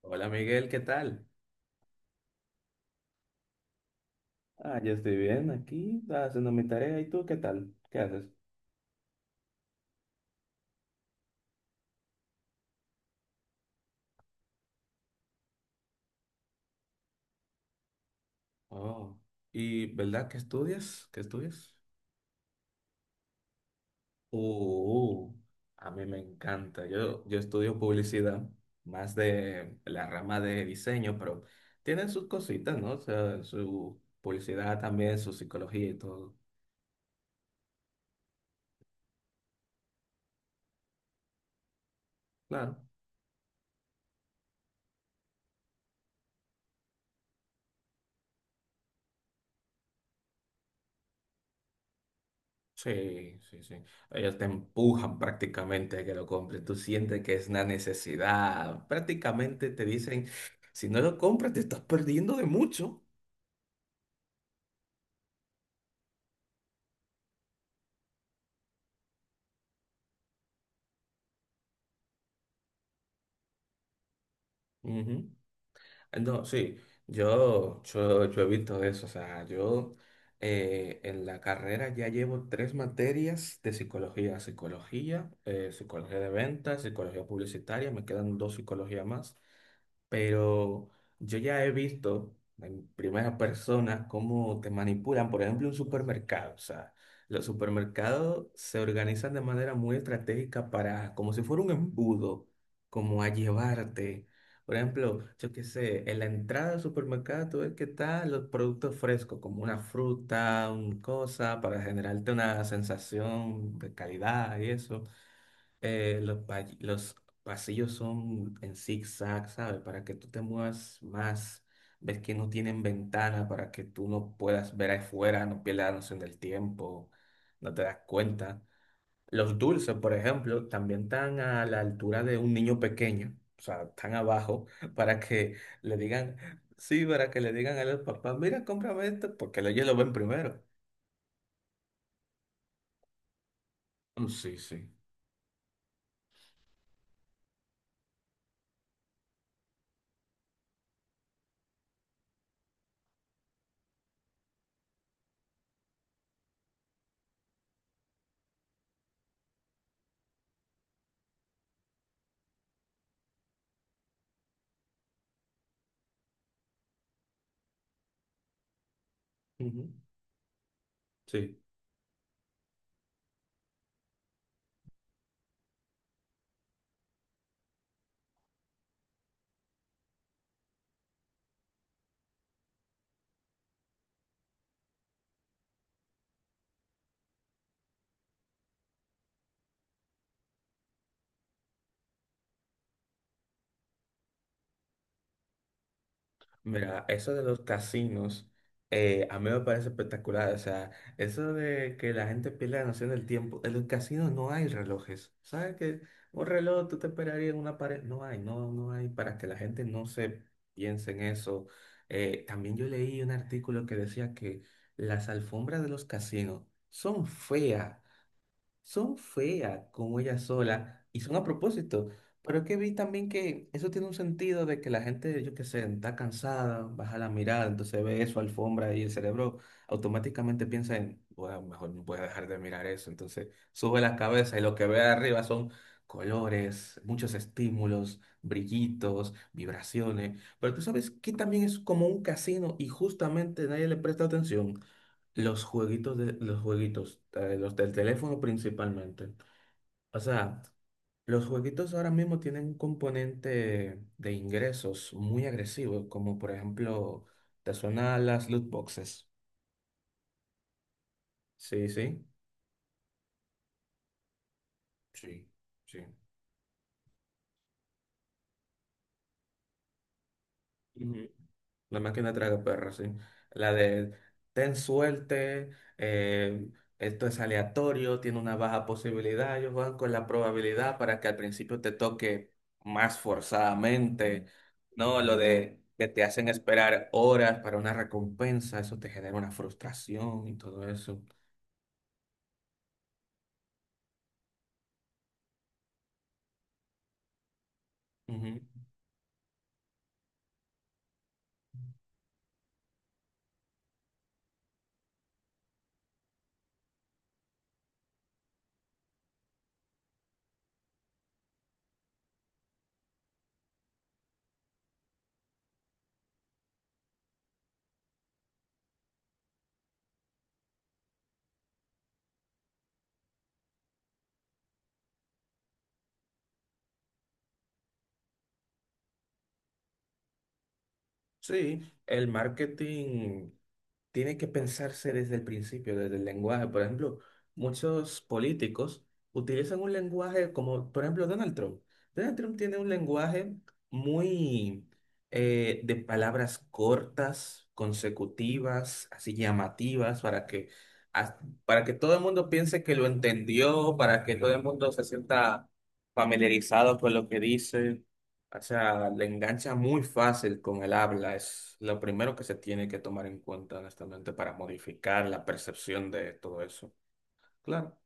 Hola Miguel, ¿qué tal? Yo estoy bien aquí, haciendo mi tarea. ¿Y tú qué tal? ¿Qué haces? Oh, ¿y verdad que estudias? ¿Qué estudias? Uh, A mí me encanta. Yo estudio publicidad, más de la rama de diseño, pero tienen sus cositas, ¿no? O sea, su publicidad también, su psicología y todo. Claro. Sí, sí, sí. Ellos te empujan prácticamente a que lo compres. Tú sientes que es una necesidad. Prácticamente te dicen, si no lo compras, te estás perdiendo de mucho. Ujú. No, sí, yo he visto eso. O sea, yo en la carrera ya llevo tres materias de psicología. Psicología, psicología de ventas, psicología publicitaria, me quedan dos psicologías más, pero yo ya he visto en primera persona cómo te manipulan, por ejemplo, un supermercado. O sea, los supermercados se organizan de manera muy estratégica para, como si fuera un embudo, como a llevarte. Por ejemplo, yo qué sé, en la entrada del supermercado tú ves que están los productos frescos, como una fruta, una cosa, para generarte una sensación de calidad y eso. Los pasillos son en zigzag, ¿sabes? Para que tú te muevas más, ves que no tienen ventana para que tú no puedas ver afuera, no pierdas la noción del tiempo, no te das cuenta. Los dulces, por ejemplo, también están a la altura de un niño pequeño, o sea, están abajo para que le digan, sí, para que le digan a los papás, mira, cómprame esto, porque ellos lo ven primero. Mm, sí, sí. Ujú. Sí. Mira, eso de los casinos, a mí me parece espectacular. O sea, eso de que la gente pierda la noción del tiempo. En los casinos no hay relojes. ¿Sabes que un reloj tú te esperarías en una pared? No hay, no, no hay, para que la gente no se piense en eso. También yo leí un artículo que decía que las alfombras de los casinos son feas, son feas como ella sola y son a propósito. Pero es que vi también que eso tiene un sentido de que la gente, yo qué sé, está cansada, baja la mirada, entonces ve eso, alfombra, y el cerebro automáticamente piensa en, bueno, mejor no voy a dejar de mirar eso. Entonces sube la cabeza y lo que ve arriba son colores, muchos estímulos, brillitos, vibraciones. Pero tú sabes que también es como un casino y justamente nadie le presta atención. Los jueguitos, los del teléfono principalmente. O sea, los jueguitos ahora mismo tienen un componente de ingresos muy agresivo, como por ejemplo, te suenan las loot boxes. Sí, sí. Sí, sí. Ujú. La máquina traga perros, sí. La de ten suerte, eh, esto es aleatorio, tiene una baja posibilidad. Ellos juegan con la probabilidad para que al principio te toque más forzadamente. No, lo de que te hacen esperar horas para una recompensa, eso te genera una frustración y todo eso. Sí, el marketing tiene que pensarse desde el principio, desde el lenguaje. Por ejemplo, muchos políticos utilizan un lenguaje como, por ejemplo, Donald Trump. Donald Trump tiene un lenguaje muy de palabras cortas, consecutivas, así llamativas, as- para que todo el mundo piense que lo entendió, para que todo el mundo se sienta familiarizado con lo que dice. O sea, le engancha muy fácil con el habla. Es lo primero que se tiene que tomar en cuenta, honestamente, para modificar la percepción de todo eso. Claro.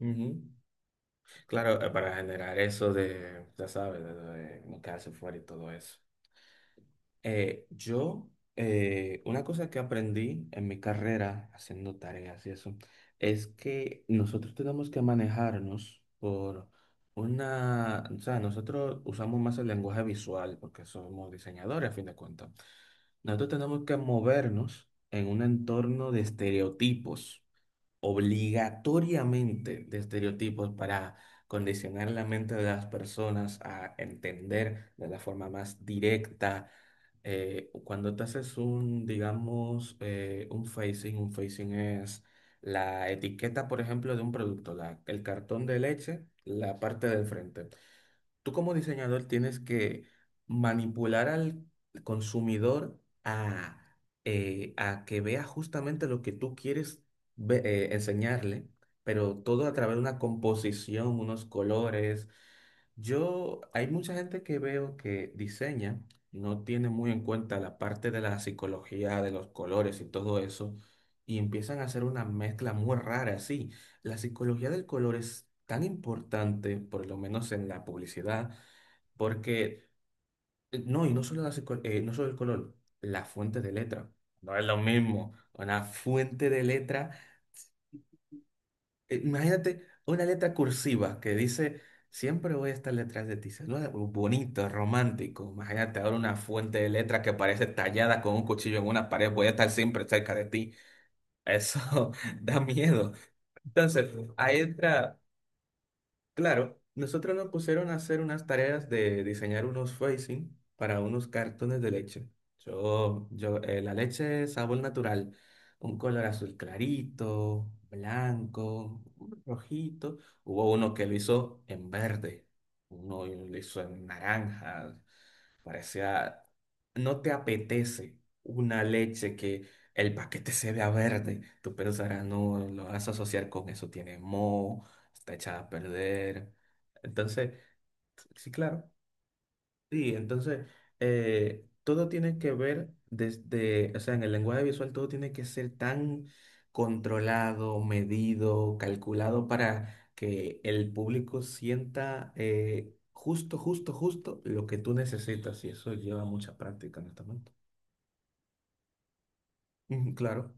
Ujú. Claro, para generar eso de, ya sabes, de no quedarse fuera y todo eso. Eh, yo, una cosa que aprendí en mi carrera haciendo tareas y eso, es que nosotros tenemos que manejarnos por o sea, nosotros usamos más el lenguaje visual porque somos diseñadores a fin de cuentas. Nosotros tenemos que movernos en un entorno de estereotipos, obligatoriamente de estereotipos, para condicionar la mente de las personas a entender de la forma más directa. Cuando te haces un, digamos, un facing es la etiqueta, por ejemplo, de un producto, el cartón de leche, la parte del frente. Tú como diseñador tienes que manipular al consumidor a, a que vea justamente lo que tú quieres enseñarle, pero todo a través de una composición, unos colores. Yo, hay mucha gente que veo que diseña, no tiene muy en cuenta la parte de la psicología, de los colores y todo eso, y empiezan a hacer una mezcla muy rara así. La psicología del color es tan importante, por lo menos en la publicidad, porque, no solo, no solo el color, la fuente de letra. No es lo mismo. Una fuente de letra. Imagínate una letra cursiva que dice, siempre voy a estar detrás de ti. Bonito, romántico. Imagínate ahora una fuente de letra que parece tallada con un cuchillo en una pared. Voy a estar siempre cerca de ti. Eso da miedo. Entonces, ahí entra. Claro, nosotros nos pusieron a hacer unas tareas de diseñar unos facing para unos cartones de leche. La leche sabor natural, un color azul clarito, blanco, un rojito. Hubo uno que lo hizo en verde, uno lo hizo en naranja. Parecía, no te apetece una leche que el paquete se vea verde. Tú pensarás, no, lo vas a asociar con eso, tiene moho, está echada a perder. Entonces, sí, claro. Sí, entonces todo tiene que ver desde, o sea, en el lenguaje visual todo tiene que ser tan controlado, medido, calculado para que el público sienta justo, justo, justo lo que tú necesitas, y eso lleva mucha práctica, honestamente. Ujú, claro,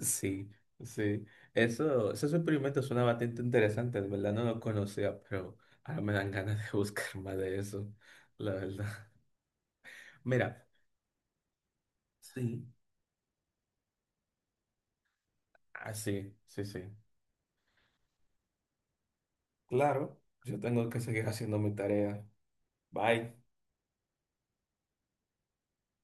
sí, sí. Eso, esos experimentos suena bastante interesante, de verdad no lo conocía, pero ahora me dan ganas de buscar más de eso, la verdad. Mira, sí. Ah, sí, sí, sí. Claro, yo tengo que seguir haciendo mi tarea. Bye.